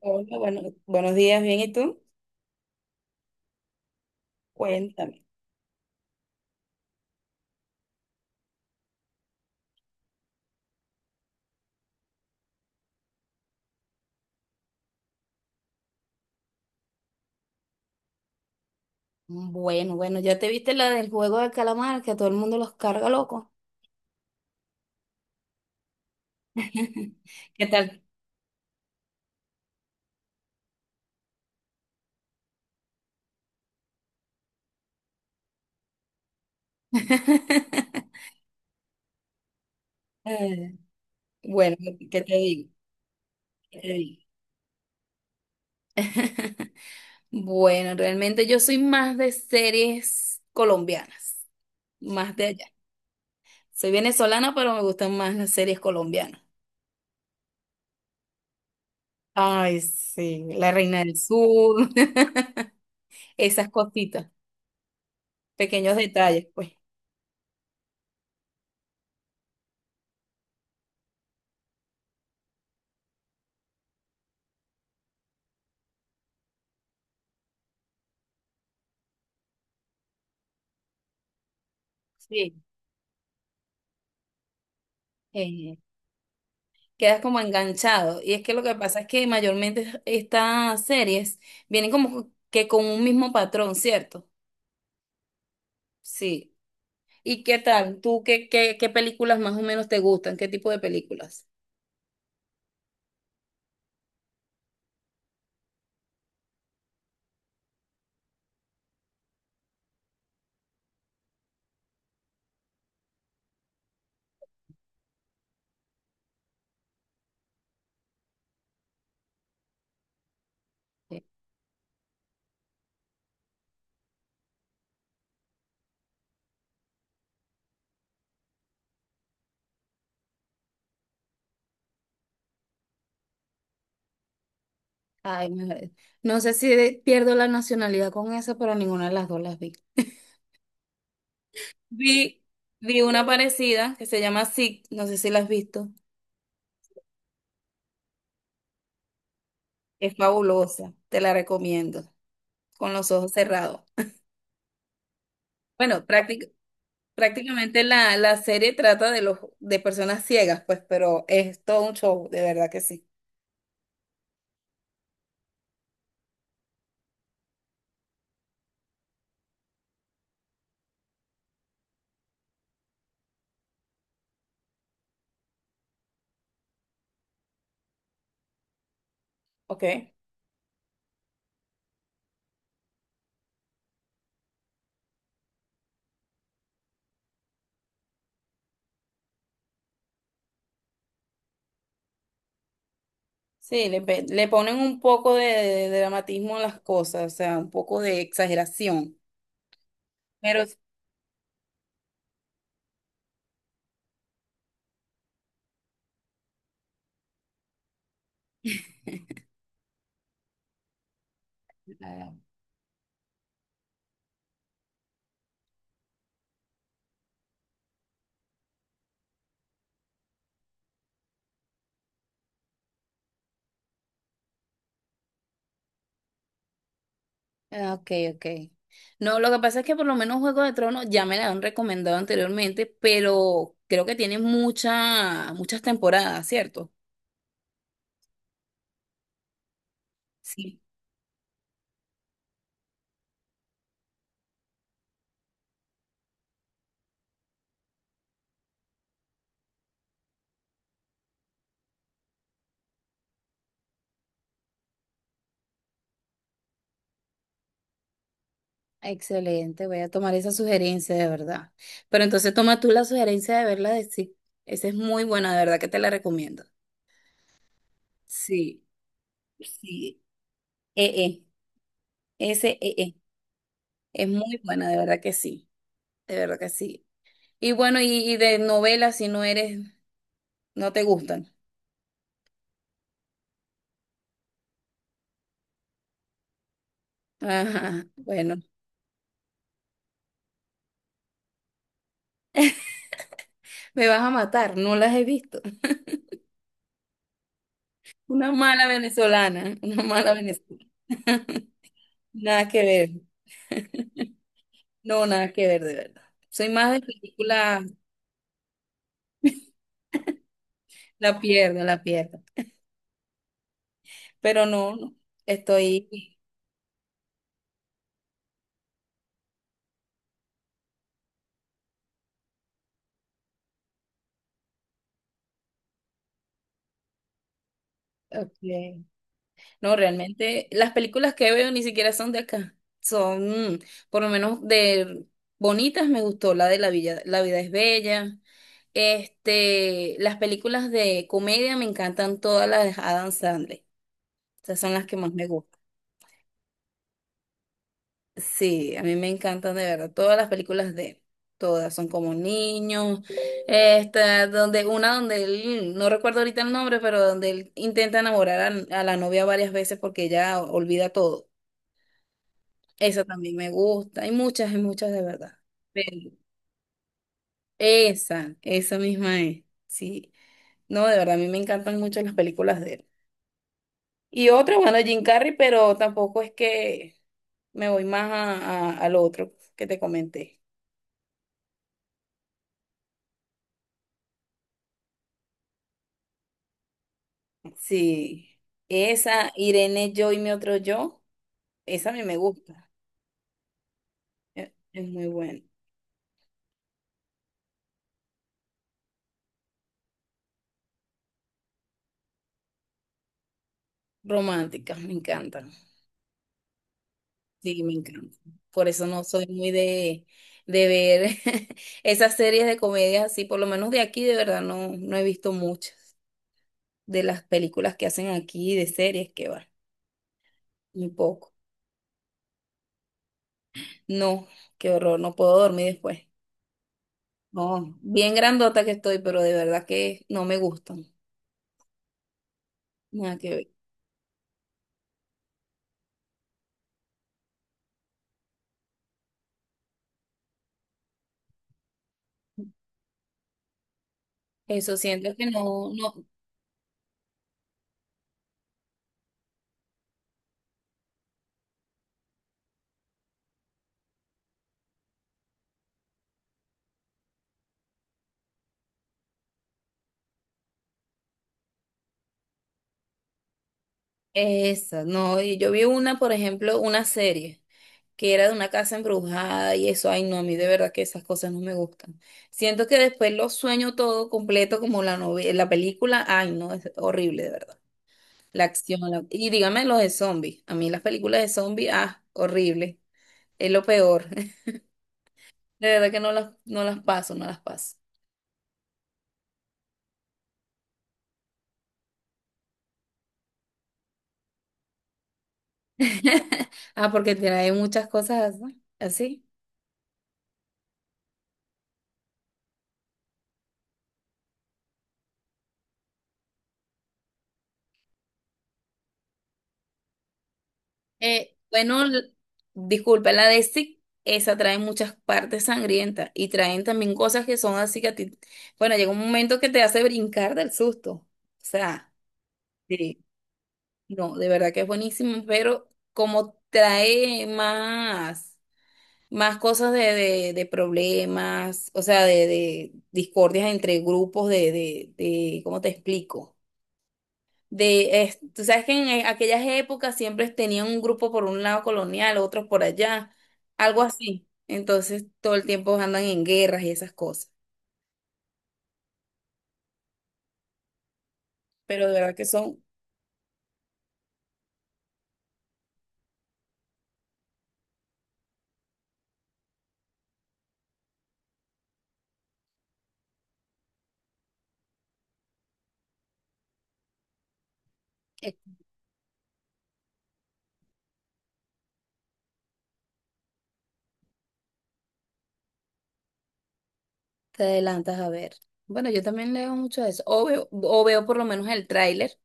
Hola, bueno, buenos días, bien, ¿y tú? Cuéntame. Bueno, ya te viste la del juego de calamar, que a todo el mundo los carga loco. ¿Qué tal? Eh, Bueno, ¿qué te digo? ¿Qué te digo? Bueno, realmente yo soy más de series colombianas, más de allá. Soy venezolana, pero me gustan más las series colombianas. Ay, sí, la Reina del Sur, esas cositas, pequeños detalles, pues. Sí, Eh, quedas como enganchado. Y es que lo que pasa es que mayormente estas series vienen como que con un mismo patrón, ¿cierto? Sí. ¿Y qué tal? ¿Tú qué películas más o menos te gustan? ¿Qué tipo de películas? Sí. Ay, me- no sé si pierdo la nacionalidad con esa, pero ninguna de las dos las vi. Vi, vi una parecida que se llama Sick, no sé si la has visto. Es fabulosa, te la recomiendo, con los ojos cerrados. Bueno, prácticamente. Prácticamente la serie trata de los de personas ciegas, pues, pero es todo un show, de verdad que sí. Ok. Sí, le ponen un poco de dramatismo a las cosas, o sea, un poco de exageración. Pero ah, ok, ok. No, lo que pasa es que por lo menos Juego de Tronos ya me la han recomendado anteriormente, pero creo que tiene muchas temporadas, ¿cierto? Sí. Excelente, voy a tomar esa sugerencia de verdad. Pero entonces toma tú la sugerencia de verla de sí. Esa es muy buena, de verdad que te la recomiendo. Sí, sí. e e See. Es muy buena, de verdad que sí. De verdad que sí. Y bueno, y de novelas, no te gustan. Ajá, bueno, me vas a matar, no las he visto. Una mala venezolana, una mala venezolana. Nada que ver, no, nada que ver, de verdad. Soy más de películas. La pierdo, la pierdo. Pero no, no, estoy... Ok. No, realmente las películas que veo ni siquiera son de acá. Por lo menos de bonitas me gustó, la de La Villa, La vida es bella. Este, las películas de comedia me encantan todas las de Adam Sandler. Esas son las que más me gustan. Sí, a mí me encantan de verdad todas las películas de él. Todas son como niños, esta, donde una donde él, no recuerdo ahorita el nombre, pero donde él intenta enamorar a la novia varias veces porque ella olvida todo. Esa también me gusta. Hay muchas de verdad. Pero esa misma es. Sí. No, de verdad, a mí me encantan mucho las películas de él. Y otra, bueno, Jim Carrey, pero tampoco es que me voy más al otro que te comenté. Sí, esa Irene, yo y mi otro yo, esa a mí me gusta, es muy buena. Románticas, me encantan, sí, me encantan. Por eso no soy muy de ver esas series de comedias así, por lo menos de aquí, de verdad, no, no he visto muchas de las películas que hacen aquí, de series que va, muy poco. No, qué horror, no puedo dormir después. No, bien grandota que estoy, pero de verdad que no me gustan, nada que ver. Eso siento que no, no. Esa, no, y yo vi una, por ejemplo, una serie que era de una casa embrujada y eso, ay no, a mí de verdad que esas cosas no me gustan. Siento que después lo sueño todo completo como la novela, la película, ay no, es horrible de verdad. La acción, y dígame los de zombies, a mí las películas de zombies, ah, horrible, es lo peor. De verdad que no las, no las paso, no las paso. Ah, porque trae muchas cosas así. Bueno, disculpa, la de Stick, esa trae muchas partes sangrientas y traen también cosas que son así que a ti, bueno, llega un momento que te hace brincar del susto. O sea, sí. No, de verdad que es buenísimo, pero como trae más, más cosas de problemas, o sea, de discordias entre grupos de, ¿cómo te explico? De, tú sabes que en aquellas épocas siempre tenían un grupo por un lado colonial, otros por allá, algo así. Entonces todo el tiempo andan en guerras y esas cosas. Pero de verdad que son, eh, te adelantas a ver. Bueno, yo también leo mucho de eso. O veo por lo menos el tráiler,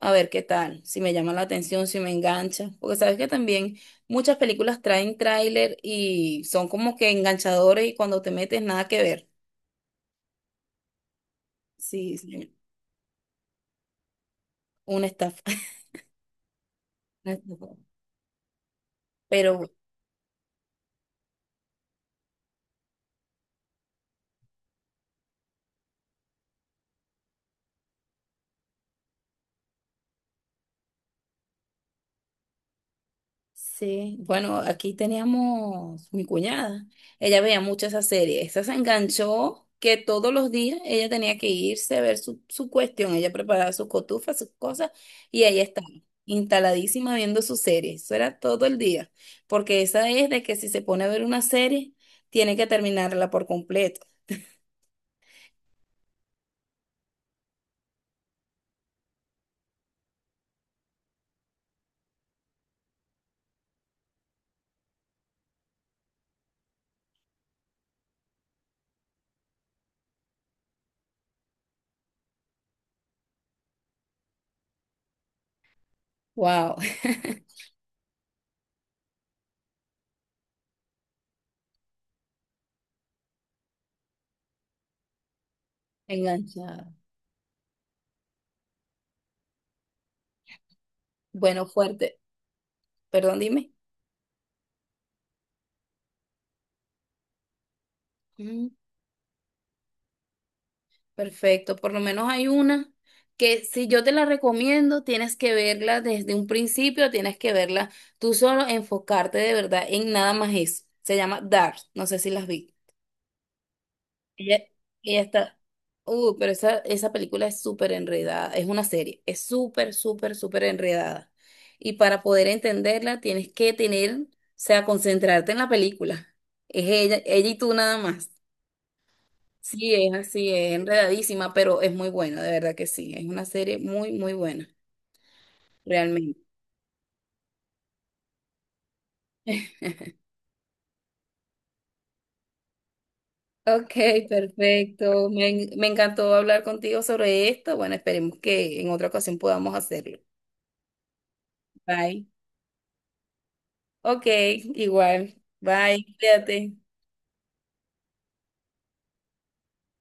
a ver qué tal, si me llama la atención, si me engancha. Porque sabes que también muchas películas traen tráiler y son como que enganchadores y cuando te metes nada que ver. Sí, sí, una estafa. Una estafa. Pero sí, bueno, aquí teníamos mi cuñada. Ella veía mucho esa serie. Esa se enganchó que todos los días ella tenía que irse a ver su cuestión. Ella preparaba sus cotufas, sus cosas, y ahí estaba, instaladísima viendo su serie. Eso era todo el día. Porque esa es de que si se pone a ver una serie, tiene que terminarla por completo. Wow, enganchada. Bueno, fuerte. Perdón, dime. Perfecto, por lo menos hay una que si yo te la recomiendo, tienes que verla desde un principio, tienes que verla tú solo, enfocarte de verdad en nada más eso. Se llama Dark, no sé si las vi. Ella, ella está, pero esa, esa película es súper enredada, es una serie, es súper, súper, súper enredada. Y para poder entenderla, tienes que tener, o sea, concentrarte en la película. Es ella, ella y tú nada más. Sí, es así, es enredadísima, pero es muy buena, de verdad que sí. Es una serie muy, muy buena, realmente. Ok, perfecto. Me encantó hablar contigo sobre esto. Bueno, esperemos que en otra ocasión podamos hacerlo. Bye. Ok, igual. Bye, cuídate.